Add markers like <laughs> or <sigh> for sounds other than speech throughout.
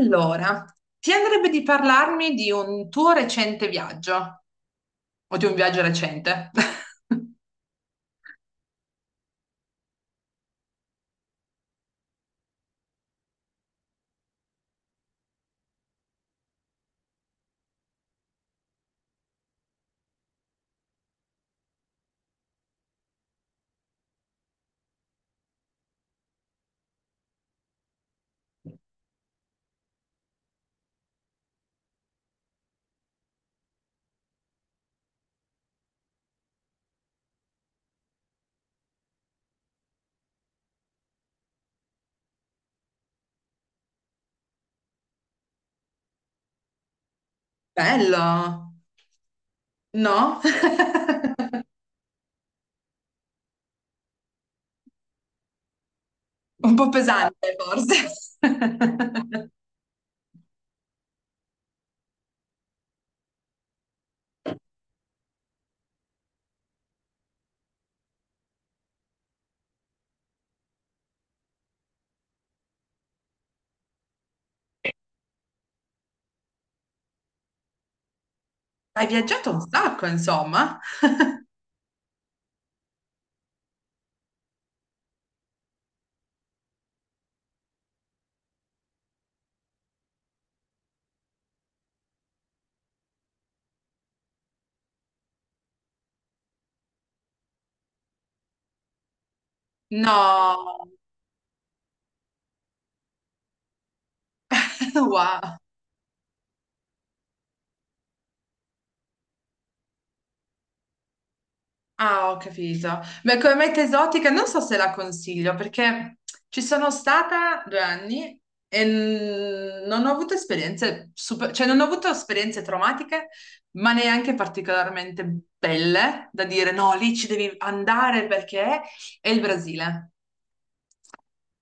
Allora, ti andrebbe di parlarmi di un tuo recente viaggio o di un viaggio recente? <laughs> Bello, no? <laughs> Un po' pesante, forse. <laughs> Hai viaggiato un sacco, insomma. No, <laughs> wow. Ah, ho capito. Beh, come meta esotica non so se la consiglio perché ci sono stata due anni e non ho avuto esperienze super, cioè non ho avuto esperienze traumatiche, ma neanche particolarmente belle da dire no, lì ci devi andare perché è il Brasile.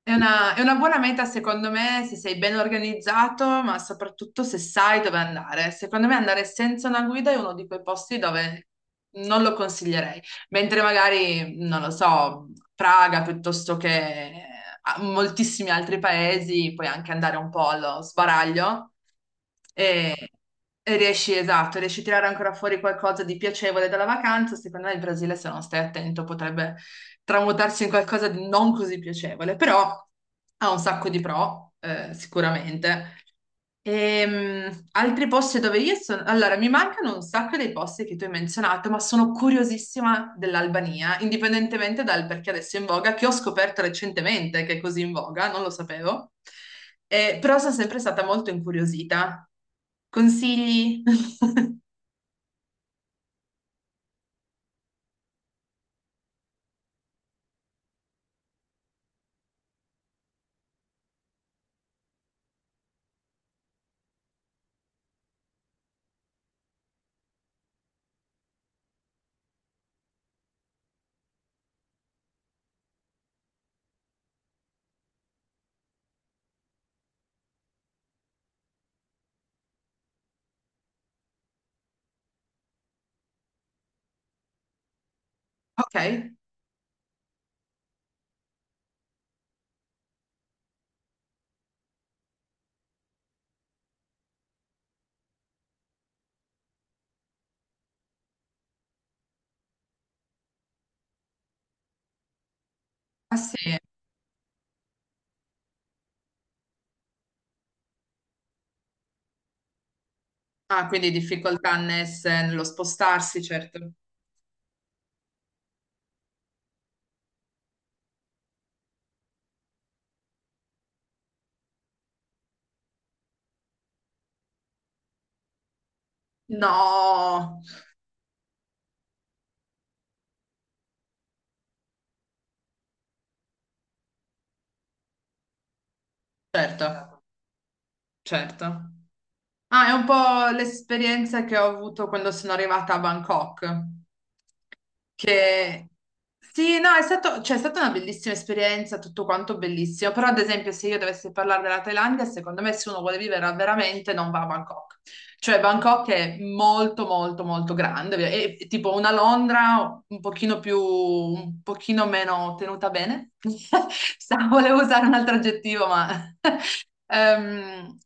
È una buona meta secondo me se sei ben organizzato, ma soprattutto se sai dove andare. Secondo me andare senza una guida è uno di quei posti dove non lo consiglierei, mentre magari, non lo so, Praga piuttosto che moltissimi altri paesi, puoi anche andare un po' allo sbaraglio e, e riesci, esatto, riesci a tirare ancora fuori qualcosa di piacevole dalla vacanza. Secondo me il Brasile, se non stai attento, potrebbe tramutarsi in qualcosa di non così piacevole, però ha un sacco di pro, sicuramente. Altri posti dove io sono... Allora, mi mancano un sacco dei posti che tu hai menzionato, ma sono curiosissima dell'Albania, indipendentemente dal perché adesso è in voga, che ho scoperto recentemente che è così in voga, non lo sapevo. Però sono sempre stata molto incuriosita. Consigli? <laughs> Ok. Ah sì. Ah, quindi difficoltà annesse nello spostarsi, certo. No, certo, certo. Ah, è un po' l'esperienza che ho avuto quando sono arrivata a Bangkok. Che sì, no, è stato, cioè, è stata una bellissima esperienza, tutto quanto bellissimo. Però, ad esempio, se io dovessi parlare della Thailandia, secondo me, se uno vuole vivere veramente, non va a Bangkok. Cioè Bangkok è molto molto molto grande, è tipo una Londra un pochino più, un pochino meno tenuta bene. <laughs> Volevo usare un altro aggettivo, ma... <laughs> ehm,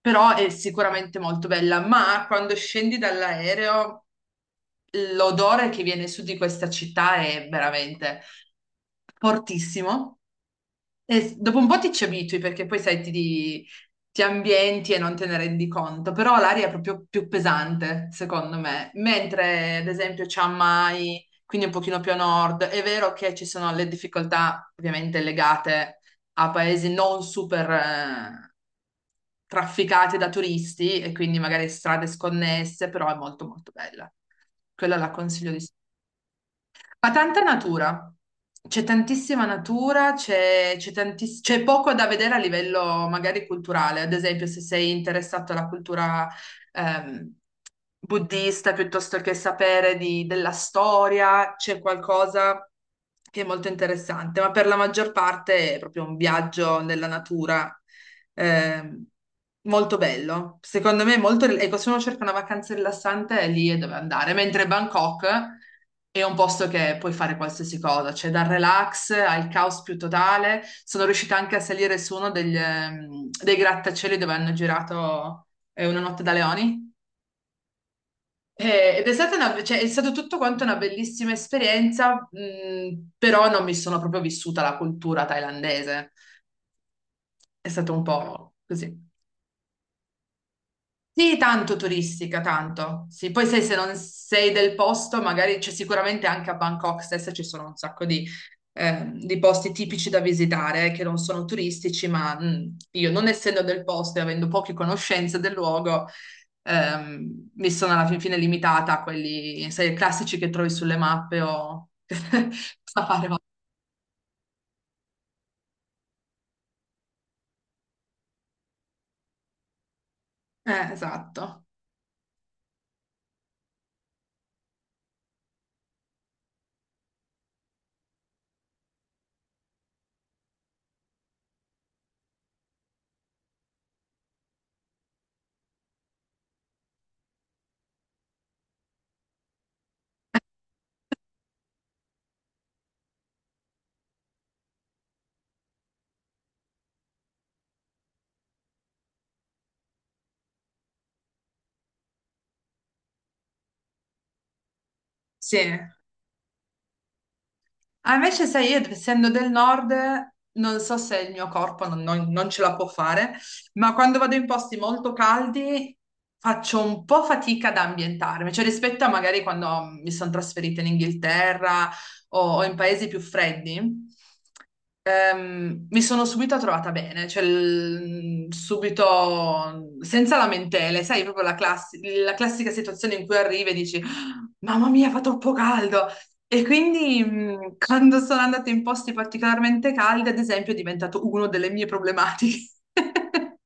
però è sicuramente molto bella, ma quando scendi dall'aereo l'odore che viene su di questa città è veramente fortissimo. E dopo un po' ti ci abitui perché poi sai, ti ambienti e non te ne rendi conto, però l'aria è proprio più pesante, secondo me. Mentre, ad esempio, Chiang Mai, quindi un pochino più a nord, è vero che ci sono le difficoltà ovviamente legate a paesi non super trafficati da turisti e quindi magari strade sconnesse, però è molto molto bella. Quella la consiglio di ma tanta natura, c'è tantissima natura, c'è c'è poco da vedere a livello magari culturale, ad esempio se sei interessato alla cultura ehm, buddista piuttosto che sapere della storia, c'è qualcosa che è molto interessante, ma per la maggior parte è proprio un viaggio nella natura eh, molto bello. Secondo me è molto... Ecco, se uno cerca una vacanza rilassante, è lì è dove andare. Mentre Bangkok è un posto che puoi fare qualsiasi cosa, cioè dal relax al caos più totale. Sono riuscita anche a salire su uno degli, dei grattacieli dove hanno girato Una notte da leoni. Ed è stata cioè, è stato tutto quanto una bellissima esperienza, però non mi sono proprio vissuta la cultura thailandese. È stato un po' così. Sì, tanto turistica, tanto. Sì, poi sai, se non sei del posto, magari c'è sicuramente anche a Bangkok stessa ci sono un sacco di posti tipici da visitare che non sono turistici, ma io non essendo del posto e avendo poche conoscenze del luogo, mi sono alla fin fine limitata a quelli, sai, classici che trovi sulle mappe o... <laughs> a fare. Esatto. Sì. Ah, invece, sai, io essendo del nord, non so se il mio corpo non ce la può fare, ma quando vado in posti molto caldi faccio un po' fatica ad ambientarmi, cioè rispetto a magari quando mi sono trasferita in Inghilterra o in paesi più freddi, mi sono subito trovata bene, cioè subito senza lamentele, sai, proprio la la classica situazione in cui arrivi e dici, "Ah, Mamma mia, fa troppo caldo! E quindi quando sono andata in posti particolarmente caldi, ad esempio, è diventato una delle mie problematiche. <laughs>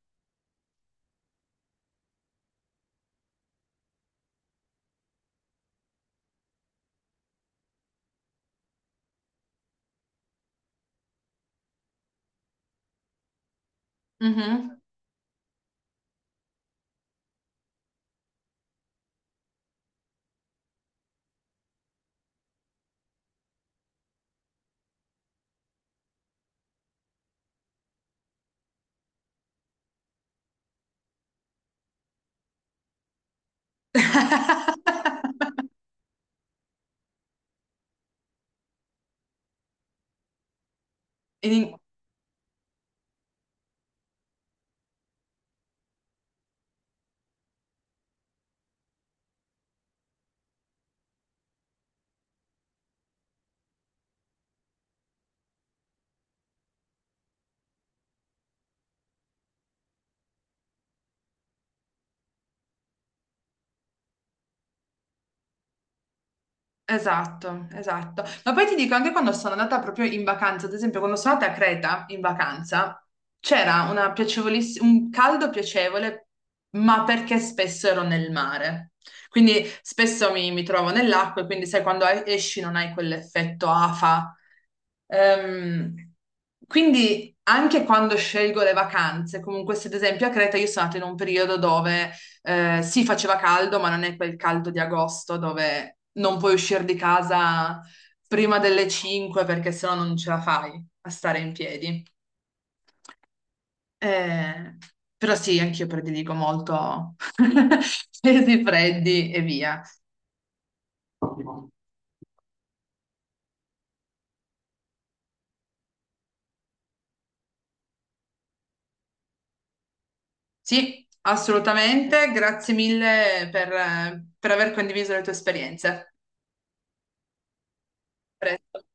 Mhm. <laughs> In- Esatto, esatto. Ma poi ti dico, anche quando sono andata proprio in vacanza, ad esempio, quando sono andata a Creta in vacanza, c'era una piacevolissima, un caldo piacevole, ma perché spesso ero nel mare. Quindi spesso mi trovo nell'acqua e quindi sai, quando esci non hai quell'effetto afa. Ehm, quindi anche quando scelgo le vacanze, comunque se ad esempio a Creta io sono andata in un periodo dove sì, faceva caldo, ma non è quel caldo di agosto dove non puoi uscire di casa prima delle 5 perché sennò non ce la fai a stare in piedi. Eh, però sì, anch'io prediligo molto <laughs> pesi freddi e via. Sì, assolutamente. Grazie mille per aver condiviso le tue esperienze. A presto.